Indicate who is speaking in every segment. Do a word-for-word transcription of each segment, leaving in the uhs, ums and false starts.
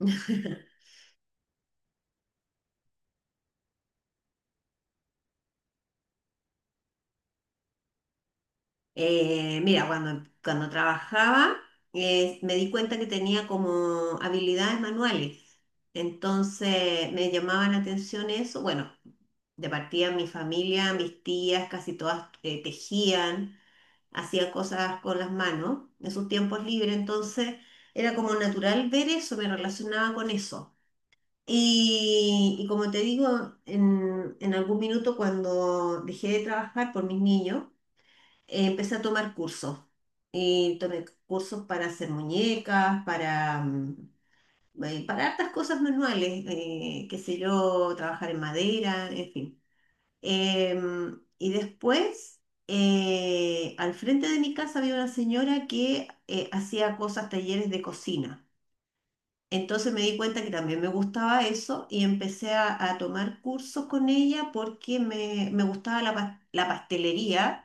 Speaker 1: Eh, mira, cuando, cuando trabajaba eh, me di cuenta que tenía como habilidades manuales. Entonces me llamaba la atención eso. Bueno, de partida mi familia, mis tías, casi todas eh, tejían, hacían cosas con las manos en sus tiempos libres. Entonces era como natural ver eso, me relacionaba con eso. Y, y como te digo, en, en algún minuto cuando dejé de trabajar por mis niños, eh, empecé a tomar cursos. Y tomé cursos para hacer muñecas, para, mm, eh, para hartas cosas manuales, eh, qué sé yo, trabajar en madera, en fin. Em, y después, eh, al frente de mi casa había una señora que eh, hacía cosas, talleres de cocina. Entonces me di cuenta que también me gustaba eso y empecé a, a tomar cursos con ella porque me, me gustaba la, pas- la pastelería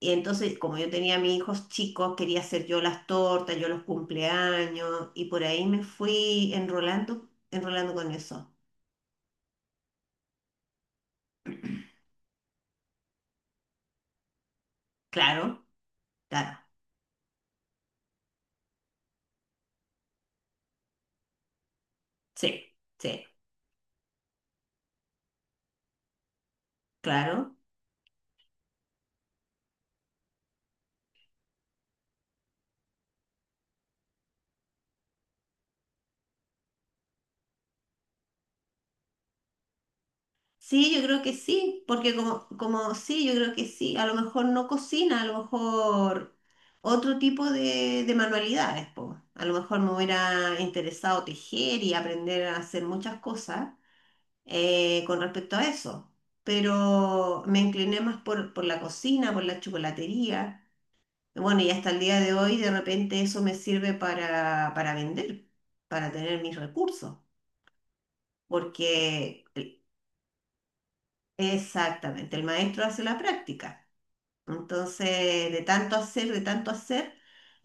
Speaker 1: y entonces, como yo tenía a mis hijos chicos, quería hacer yo las tortas, yo los cumpleaños, y por ahí me fui enrolando, enrolando con eso. Claro, claro, sí, sí, claro. Sí, yo creo que sí, porque como, como sí, yo creo que sí, a lo mejor no cocina, a lo mejor otro tipo de, de manualidades, po. A lo mejor me hubiera interesado tejer y aprender a hacer muchas cosas eh, con respecto a eso. Pero me incliné más por, por la cocina, por la chocolatería. Bueno, y hasta el día de hoy de repente eso me sirve para, para vender, para tener mis recursos, porque el- exactamente, el maestro hace la práctica. Entonces, de tanto hacer, de tanto hacer,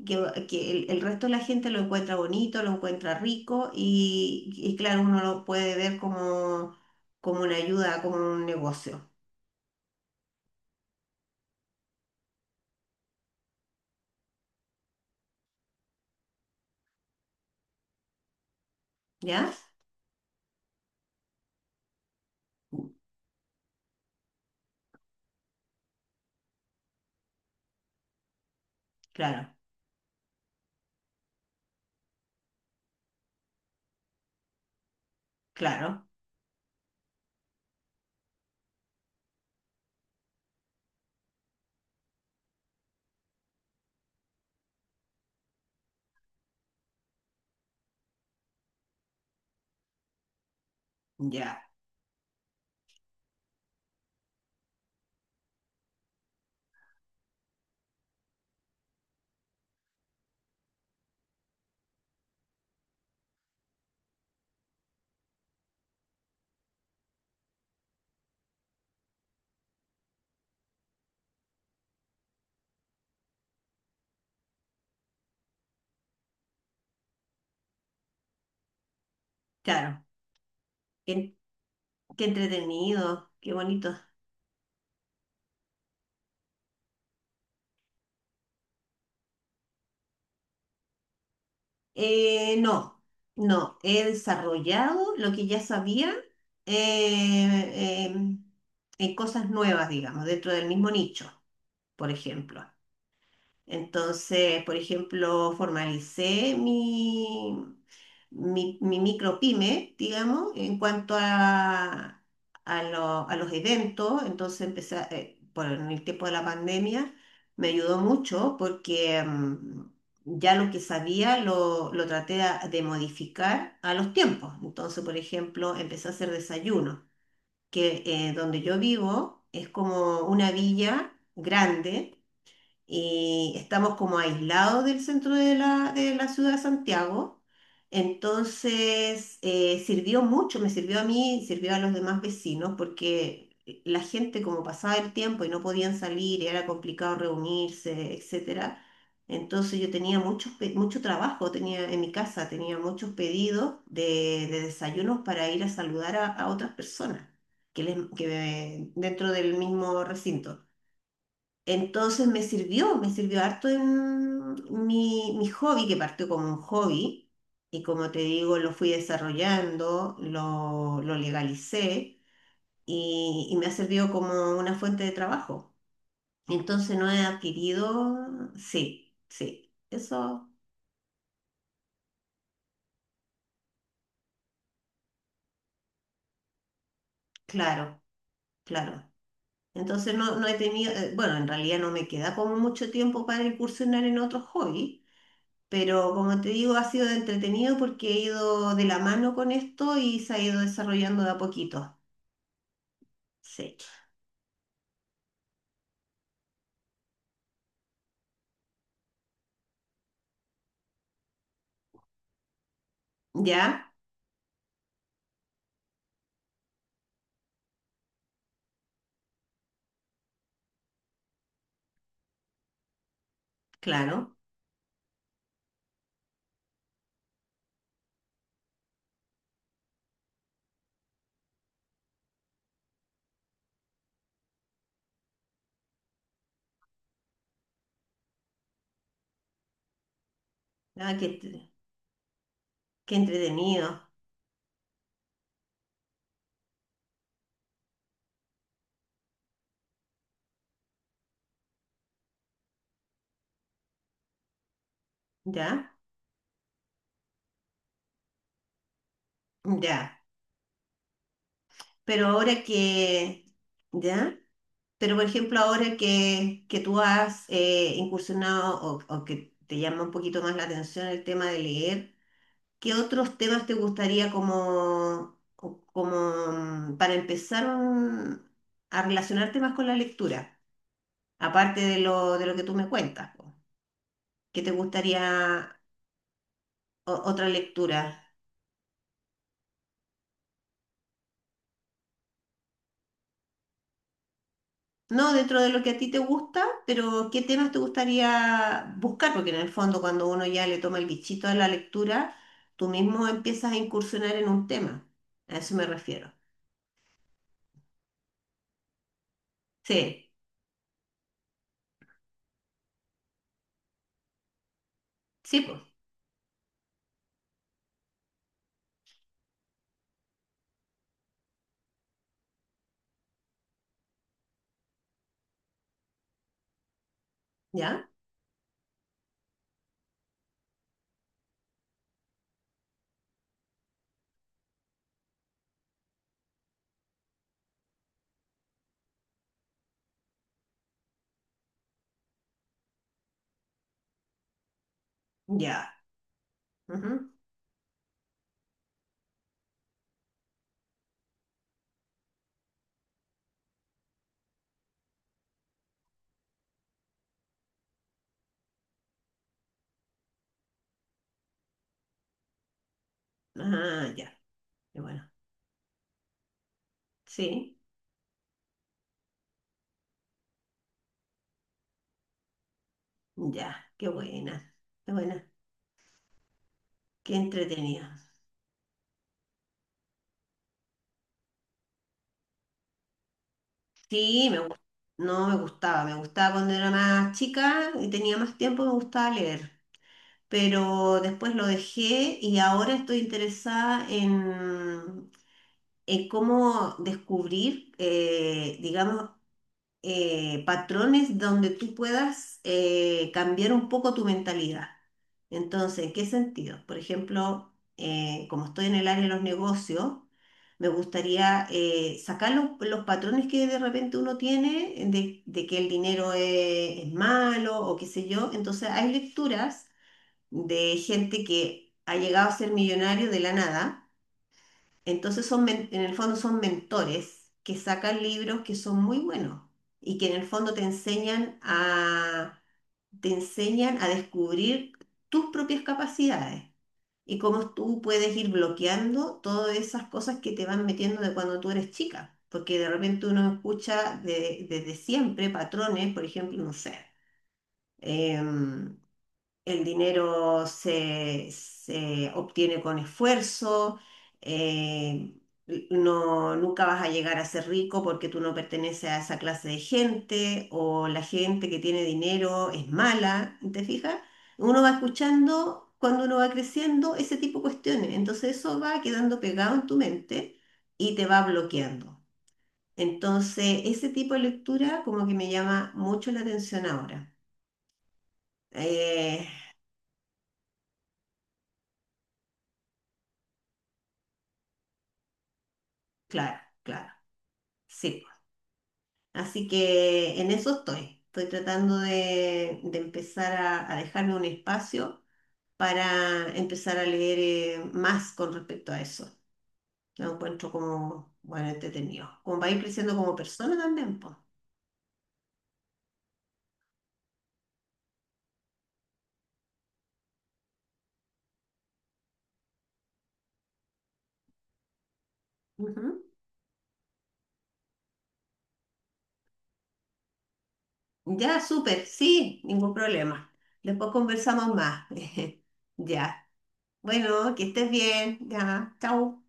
Speaker 1: que, que el, el resto de la gente lo encuentra bonito, lo encuentra rico y, y claro, uno lo puede ver como, como una ayuda, como un negocio, ¿ya? Claro, claro, ya, claro. Qué, qué entretenido, qué bonito. Eh, no, no, he desarrollado lo que ya sabía eh, eh, en cosas nuevas, digamos, dentro del mismo nicho, por ejemplo. Entonces, por ejemplo, formalicé mi, mi, mi micropyme, digamos, en cuanto a, a, lo- a los eventos. Entonces, empecé, a- eh, por en el tiempo de la pandemia, me ayudó mucho porque mm, ya lo que sabía lo, lo traté a- de modificar a los tiempos. Entonces, por ejemplo, empecé a hacer desayuno, que eh, donde yo vivo es como una villa grande y estamos como aislados del centro de la, de la ciudad de Santiago. Entonces, eh, sirvió mucho, me sirvió a mí, sirvió a los demás vecinos, porque la gente como pasaba el tiempo y no podían salir, y era complicado reunirse, etcétera. Entonces yo tenía muchos, pe- mucho trabajo, tenía en mi casa, tenía muchos pedidos de, de desayunos para ir a saludar a, a otras personas que, les- que, eh, dentro del mismo recinto. Entonces me sirvió, me sirvió harto en mi, mi hobby, que partió como un hobby, y como te digo, lo fui desarrollando, lo, lo legalicé, y, y me ha servido como una fuente de trabajo. Entonces no he adquirido, sí, sí, eso, claro, claro. Entonces no, no he tenido, eh, bueno, en realidad no me queda como mucho tiempo para incursionar en otros hobbies. Pero como te digo, ha sido entretenido porque he ido de la mano con esto y se ha ido desarrollando de a poquito. Sí. Ya, claro. Ah, qué, entre- qué entretenido. Ya, ya. Pero ahora que, ya. Pero por ejemplo, ahora que, que tú has eh, incursionado o, o que te llama un poquito más la atención el tema de leer. ¿Qué otros temas te gustaría como, co- como mm, para empezar un- a relacionarte más con la lectura? Aparte de lo, de lo que tú me cuentas, po. ¿Qué te gustaría o- otra lectura? No dentro de lo que a ti te gusta, pero ¿qué temas te gustaría buscar? Porque en el fondo cuando uno ya le toma el bichito a la lectura, tú mismo empiezas a incursionar en un tema. A eso me refiero. Sí, sí, pues, ¿ya? Ya. Ujú. Ah, ya. Qué bueno. Sí. Ya, qué buena, qué buena, qué entretenida. Sí, me, gu- no me gustaba, me gustaba cuando era más chica y tenía más tiempo, me gustaba leer, pero después lo dejé y ahora estoy interesada en, en cómo descubrir, eh, digamos, eh, patrones donde tú puedas eh, cambiar un poco tu mentalidad. Entonces, ¿en qué sentido? Por ejemplo, eh, como estoy en el área de los negocios, me gustaría eh, sacar los, los patrones que de repente uno tiene de, de que el dinero es, es malo o qué sé yo. Entonces, hay lecturas de gente que ha llegado a ser millonario de la nada, entonces son, men- en el fondo son mentores que sacan libros que son muy buenos y que en el fondo te enseñan a, te enseñan a descubrir tus propias capacidades y cómo tú puedes ir bloqueando todas esas cosas que te van metiendo de cuando tú eres chica. Porque de repente uno escucha de- desde siempre patrones, por ejemplo, no sé. em, el dinero se, se obtiene con esfuerzo, eh, no, nunca vas a llegar a ser rico porque tú no perteneces a esa clase de gente o la gente que tiene dinero es mala, ¿te fijas? Uno va escuchando cuando uno va creciendo ese tipo de cuestiones, entonces eso va quedando pegado en tu mente y te va bloqueando. Entonces, ese tipo de lectura como que me llama mucho la atención ahora. Eh, claro, claro. Sí. Así que en eso estoy. Estoy tratando de, de empezar a, a dejarme un espacio para empezar a leer eh, más con respecto a eso. Lo encuentro como, bueno, entretenido. Como va a ir creciendo como persona también, pues. Ujú. Ya, súper, sí, ningún problema. Después conversamos más. Ya. Bueno, que estés bien. Ya, chao.